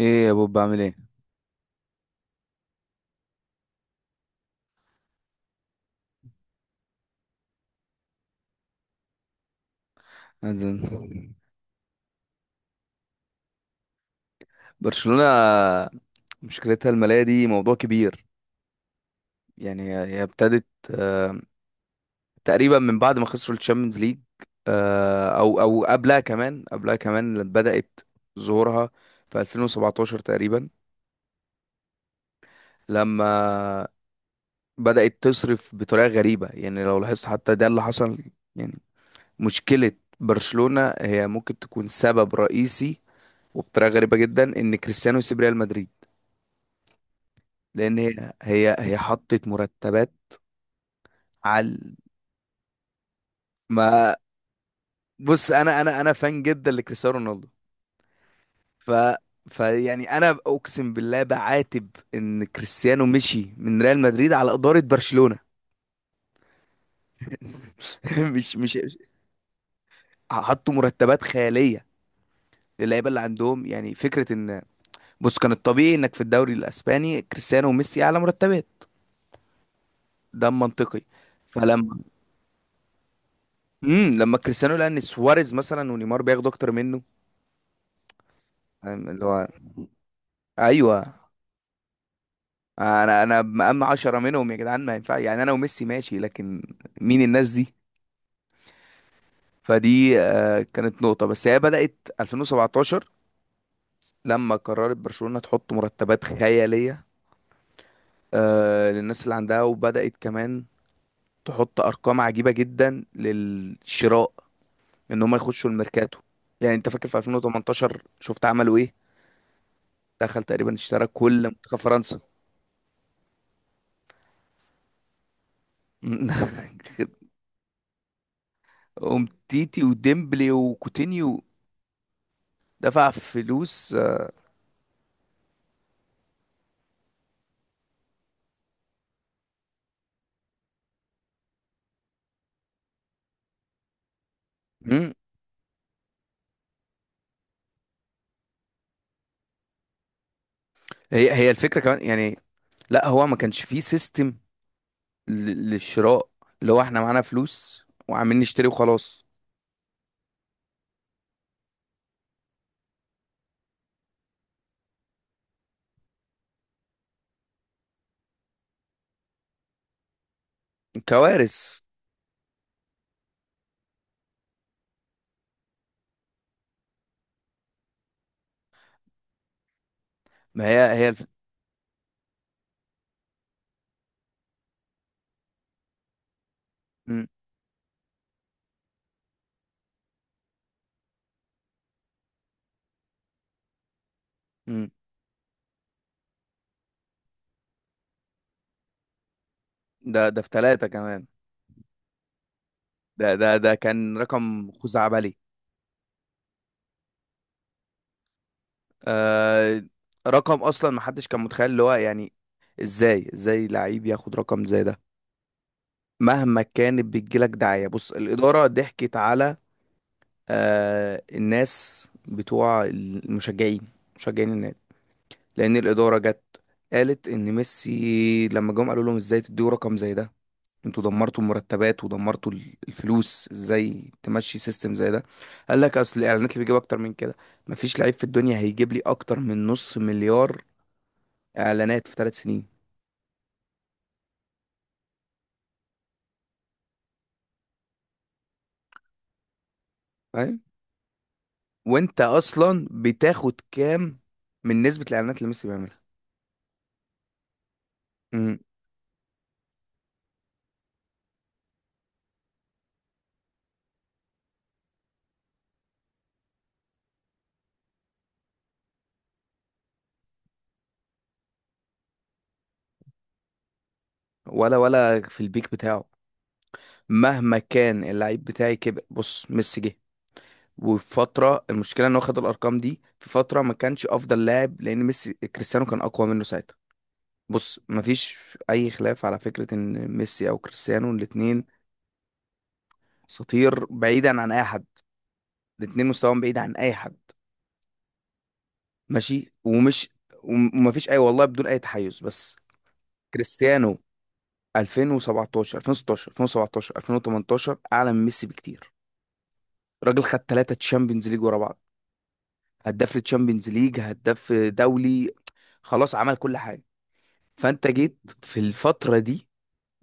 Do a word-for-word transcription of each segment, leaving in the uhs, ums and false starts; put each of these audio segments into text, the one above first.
ايه يا بوب، بعمل ايه؟ أنزل. برشلونة مشكلتها المالية دي موضوع كبير. يعني هي هي ابتدت آه، تقريبا من بعد ما خسروا الشامبيونز ليج. آه، او او قبلها كمان قبلها كمان بدأت ظهورها في ألفين وسبعة عشر تقريبا، لما بدأت تصرف بطريقة غريبة. يعني لو لاحظت حتى ده اللي حصل. يعني مشكلة برشلونة هي ممكن تكون سبب رئيسي وبطريقة غريبة جدا ان كريستيانو يسيب ريال مدريد، لان هي هي هي حطت مرتبات على ما. بص انا انا انا فان جدا لكريستيانو رونالدو، ف فيعني انا اقسم بالله بعاتب ان كريستيانو مشي من ريال مدريد على اداره برشلونه. مش مش حطوا مرتبات خياليه للعيبه اللي عندهم. يعني فكره ان، بص، كان الطبيعي انك في الدوري الاسباني كريستيانو وميسي اعلى مرتبات، ده منطقي. فلما امم لما كريستيانو لقى ان سواريز مثلا ونيمار بياخدوا اكتر منه، فاهم اللي هو، ايوه، انا انا مقام عشرة منهم يا جدعان، ما ينفع. يعني انا وميسي ماشي، لكن مين الناس دي؟ فدي آه، كانت نقطة، بس هي بدأت ألفين وسبعة عشر لما قررت برشلونة تحط مرتبات خيالية آه، للناس اللي عندها، وبدأت كمان تحط أرقام عجيبة جدا للشراء، إن هم يخشوا الميركاتو. يعني أنت فاكر في ألفين وثمانية عشر شفت عملوا إيه؟ دخل تقريبا اشترى كل منتخب فرنسا. أمتيتي وديمبلي وكوتينيو، دفع فلوس. هي هي الفكرة كمان، يعني لا، هو ما كانش فيه سيستم للشراء، اللي هو احنا معانا فلوس وعاملين نشتري وخلاص. كوارث. ما هي هي الف... م- م. ده ده في ثلاثة كمان. ده ده ده كان رقم خزعبلي. آه، رقم اصلا ما حدش كان متخيل. اللي هو يعني ازاي ازاي لعيب ياخد رقم زي ده؟ مهما كانت بتجيلك دعاية. بص، الإدارة ضحكت على آه الناس بتوع المشجعين، مشجعين النادي، لان الاداره جت قالت ان ميسي لما جم قالوا لهم ازاي تديوا رقم زي ده؟ انتوا دمرتوا المرتبات ودمرتوا ال- الفلوس، ازاي تمشي سيستم زي ده؟ قال لك اصل الاعلانات اللي بيجيب اكتر من كده، مفيش لعيب في الدنيا هيجيب لي اكتر من نص مليار اعلانات في ثلاث سنين. فاهم؟ وانت اصلا بتاخد كام من نسبه الاعلانات اللي ميسي بيعملها؟ مم. ولا ولا في البيك بتاعه. مهما كان اللعيب بتاعي كبر. بص، ميسي جه وفي فترة المشكلة ان هو خد الارقام دي في فترة ما كانش افضل لاعب، لان ميسي كريستيانو كان اقوى منه ساعتها. بص، مفيش اي خلاف على فكرة ان ميسي او كريستيانو الاتنين اساطير بعيدا عن اي حد. الاتنين مستواهم بعيد عن اي حد، ماشي. ومش وم- ومفيش اي، والله بدون اي تحيز، بس كريستيانو ألفين وسبعطاشر ألفين وستاشر ألفين وسبعطاشر ألفين وتمنطاشر اعلى من ميسي بكتير. راجل خد ثلاثة تشامبيونز ليج ورا بعض، هداف للتشامبيونز ليج، هداف دولي، خلاص عمل كل حاجة. فانت جيت في الفترة دي،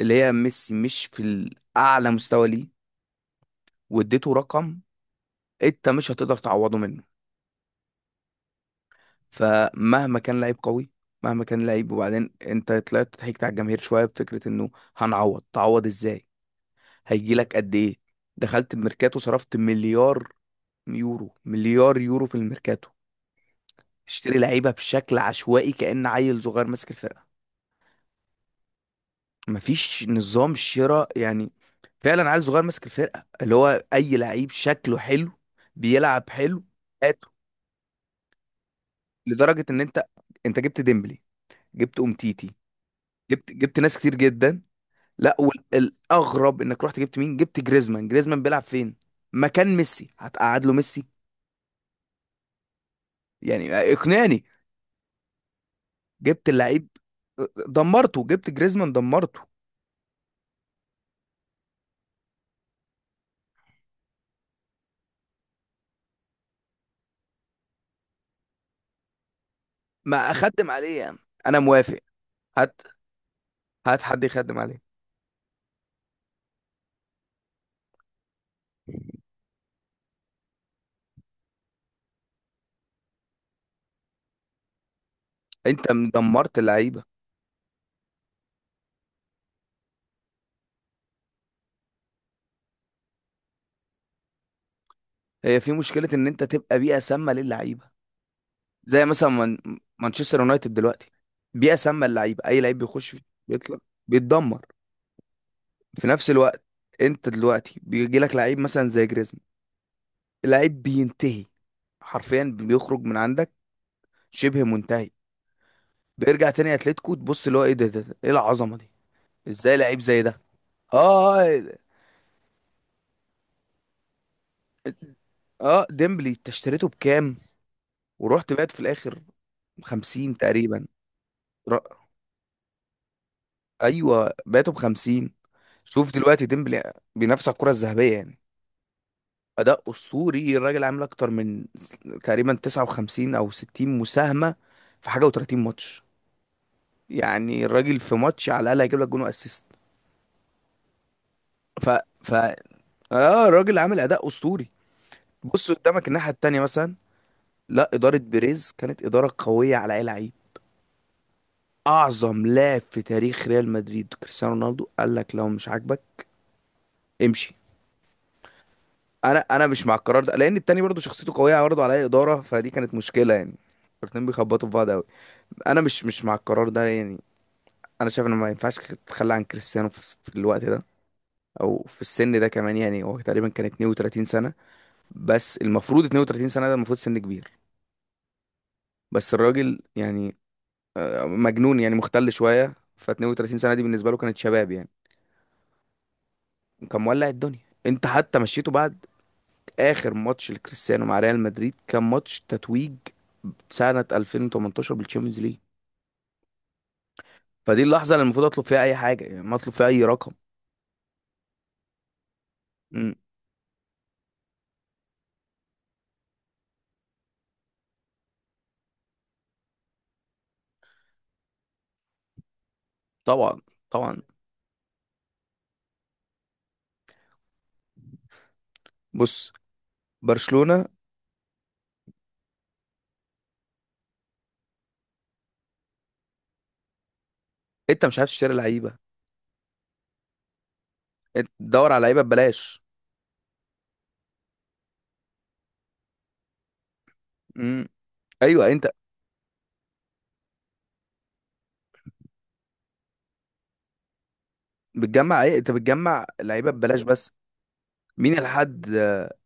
اللي هي ميسي مش في الأعلى مستوى ليه، واديته رقم انت مش هتقدر تعوضه منه. فمهما كان لعيب قوي، مهما كان لعيب، وبعدين انت طلعت ضحكت على الجماهير شوية بفكرة انه هنعوض. تعوض ازاي؟ هيجي لك قد ايه؟ دخلت الميركاتو صرفت مليار يورو، مليار يورو في الميركاتو تشتري لعيبة بشكل عشوائي كأن عيل صغير ماسك الفرقة. مفيش نظام شراء. يعني فعلا عيل صغير ماسك الفرقه، اللي هو اي لعيب شكله حلو بيلعب حلو، هاته. لدرجه ان انت، انت جبت ديمبلي، جبت امتيتي، جبت جبت ناس كتير جدا. لا، والاغرب انك رحت جبت مين؟ جبت جريزمان. جريزمان بيلعب فين؟ مكان ميسي. هتقعد له ميسي؟ يعني اقنعني. جبت اللعيب دمرته، جبت جريزمان دمرته. ما اخدم عليه يعني. انا موافق. هات، هات حد يخدم عليه. انت دمرت اللعيبه. هي في مشكله ان انت تبقى بيئه سامه للعيبه. زي مثلا من مانشستر يونايتد دلوقتي، بيئه سامه للعيبه، اي لعيب بيخش فيه بيطلع بيتدمر. في نفس الوقت، انت دلوقتي بيجي لك لعيب مثلا زي جريزمان، اللعيب بينتهي، حرفيا بيخرج من عندك شبه منتهي، بيرجع تاني اتلتيكو تبص اللي هو ايه ده, ده, ده، ايه العظمه دي؟ ازاي لعيب زي ده؟ اه اه إيه، آه، ديمبلي انت اشتريته بكام ورحت بعت في الاخر؟ خمسين تقريبا. ر- ايوه بعته ب خمسين. شوف دلوقتي ديمبلي بينافس على الكرة الذهبية. يعني أداء أسطوري. الراجل عامل أكتر من س- تقريبا تسعة وخمسين أو ستين مساهمة في حاجة و30 ماتش. يعني الراجل في ماتش على الأقل هيجيب لك جون وأسيست. ف ف آه، الراجل عامل أداء أسطوري. بص قدامك الناحية التانية مثلا، لا، إدارة بيريز كانت إدارة قوية على أي لعيب. أعظم لاعب في تاريخ ريال مدريد كريستيانو رونالدو قال لك لو مش عاجبك امشي. انا انا مش مع القرار ده، لان التاني برضه شخصيته قويه، برضه عليا اداره، فدي كانت مشكله. يعني الاتنين بيخبطوا في بعض قوي. انا مش مش مع القرار ده. يعني انا شايف ان ما ينفعش تتخلى عن كريستيانو في في الوقت ده او في السن ده كمان. يعني هو تقريبا كان اتنين وتلاتين سنة سنه، بس المفروض اتنين وتلاتين سنة سنه ده المفروض سن كبير. بس الراجل يعني آه، مجنون، يعني مختل شويه، ف اثنين وثلاثين سنة سنه دي بالنسبه له كانت شباب. يعني وكان مولع الدنيا. انت حتى مشيته بعد اخر ماتش لكريستيانو مع ريال مدريد، كان ماتش تتويج سنة ألفين وتمنطاشر بالتشامبيونز ليج. فدي اللحظة اللي المفروض اطلب فيها اي حاجة، يعني ما اطلب فيها اي رقم. مم. طبعا، طبعا. بص برشلونة، انت مش عارف تشتري لعيبة، انت تدور على لعيبة ببلاش. مم. ايوه انت بتجمع ايه؟ انت بتجمع لعيبة ببلاش بس. مين الحد،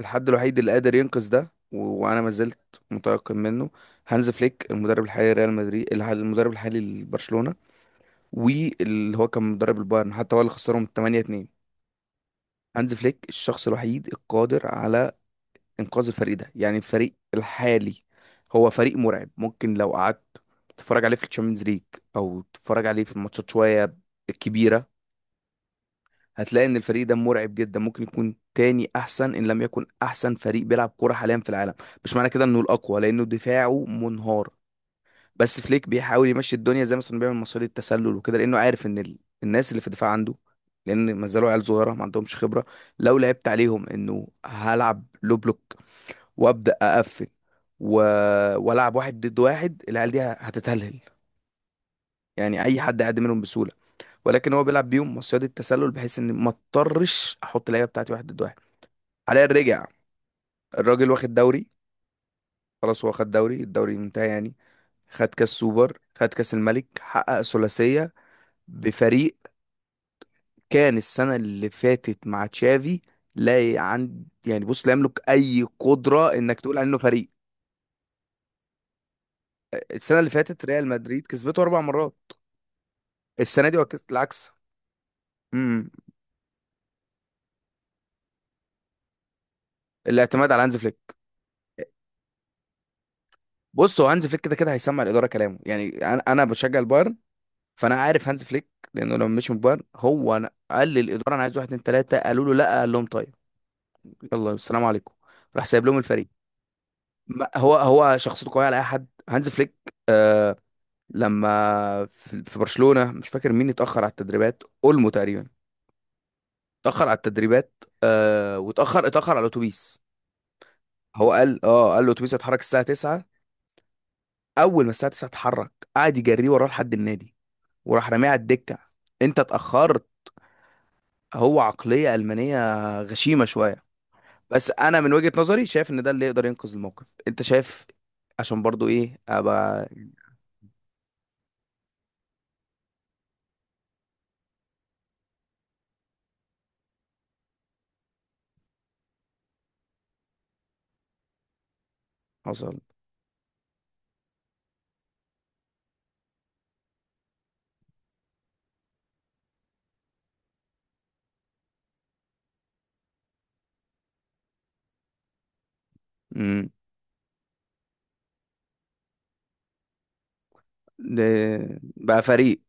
الحد الوحيد اللي قادر ينقذ ده، و- وانا ما زلت متيقن منه؟ هانز فليك، المدرب الحالي لريال مدريد، الح- المدرب الحالي لبرشلونة، واللي هو كان مدرب البايرن حتى هو اللي خسرهم تمنية اتنين. هانز فليك الشخص الوحيد القادر على انقاذ الفريق ده، يعني الفريق الحالي هو فريق مرعب. ممكن لو قعدت تتفرج عليه في الشامبيونز ليج او تتفرج عليه في الماتشات شويه الكبيره، هتلاقي ان الفريق ده مرعب جدا. ممكن يكون تاني احسن، ان لم يكن احسن فريق بيلعب كوره حاليا في العالم. مش معنى كده انه الاقوى لانه دفاعه منهار، بس فليك بيحاول يمشي الدنيا زي مثلا بيعمل مصيدة التسلل وكده، لانه عارف ان ال... الناس اللي في الدفاع عنده، لان ما زالوا عيال صغيره ما عندهمش خبره. لو لعبت عليهم انه هلعب لو بلوك وابدا اقفل و... والعب واحد ضد واحد، العيال دي هتتهلهل. يعني اي حد يعدي منهم بسهوله. ولكن هو بيلعب بيهم مصيدة التسلل بحيث ان ما اضطرش احط اللعيبه بتاعتي واحد ضد واحد. حاليا رجع الراجل، واخد دوري. خلاص هو خد دوري، الدوري انتهى يعني. خد كاس سوبر، خد كاس الملك، حقق ثلاثيه بفريق كان السنة اللي فاتت مع تشافي لا ي- عند. يعني بص، لا يملك أي قدرة إنك تقول عنه فريق. السنة اللي فاتت ريال مدريد كسبته أربع مرات، السنة دي وكس- العكس. امم، الاعتماد على هانز فليك. بص هو هانز فليك كده كده هيسمع الإدارة كلامه. يعني أنا أنا بشجع البايرن، فأنا عارف هانز فليك. لأنه لما مشي من البايرن هو، أنا قال للإدارة أنا عايز واحد اتنين تلاتة، قالوا له لأ، قال لهم طيب يلا السلام عليكم، راح سايب لهم الفريق. ما- هو هو شخصيته قوية على أي حد، هانز فليك. آه، لما في في برشلونة، مش فاكر مين اتأخر على التدريبات، اولمو تقريبا، اتأخر على التدريبات. آه، واتأخر اتأخر على الاتوبيس. هو قال، اه قال، الاتوبيس هيتحرك الساعة تسعة. اول ما الساعة تسعة اتحرك، قعد يجريه وراه لحد النادي، وراح راميه على الدكة. انت اتأخرت. هو عقلية ألمانية غشيمة شوية. بس انا من وجهة نظري شايف ان ده اللي يقدر ينقذ الموقف، انت شايف، عشان برضو ايه ابقى. حصل. امم. ده- بقى فريق.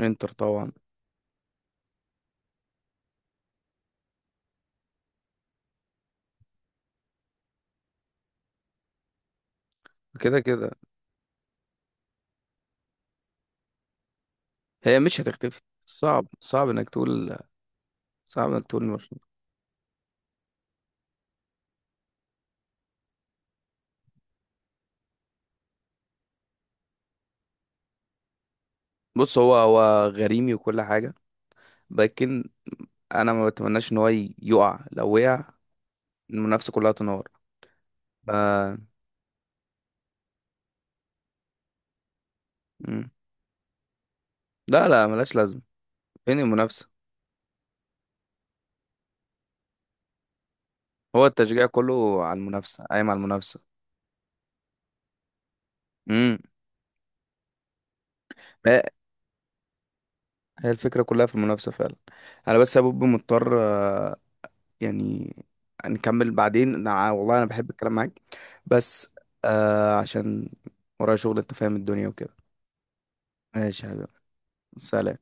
انتر طبعا. كده كده هي مش هتختفي. صعب، صعب انك تقول، صعب انك تقول المرشد. بص، هو هو غريمي وكل حاجة، لكن انا ما بتمناش ان هو ي- يقع. لو وقع، المنافسة كلها تنهار. ف... مم. لا لا، ملاش لازمة. فين المنافسة؟ هو التشجيع كله على المنافسة، قايم على المنافسة. امم. هي هي الفكرة كلها في المنافسة فعلا. انا بس يا بوب مضطر، آه، يعني نكمل بعدين. أنا- والله انا بحب الكلام معاك بس، آه عشان ورايا شغل، انت فاهم الدنيا وكده. ماشي يا حبيبي، سلام.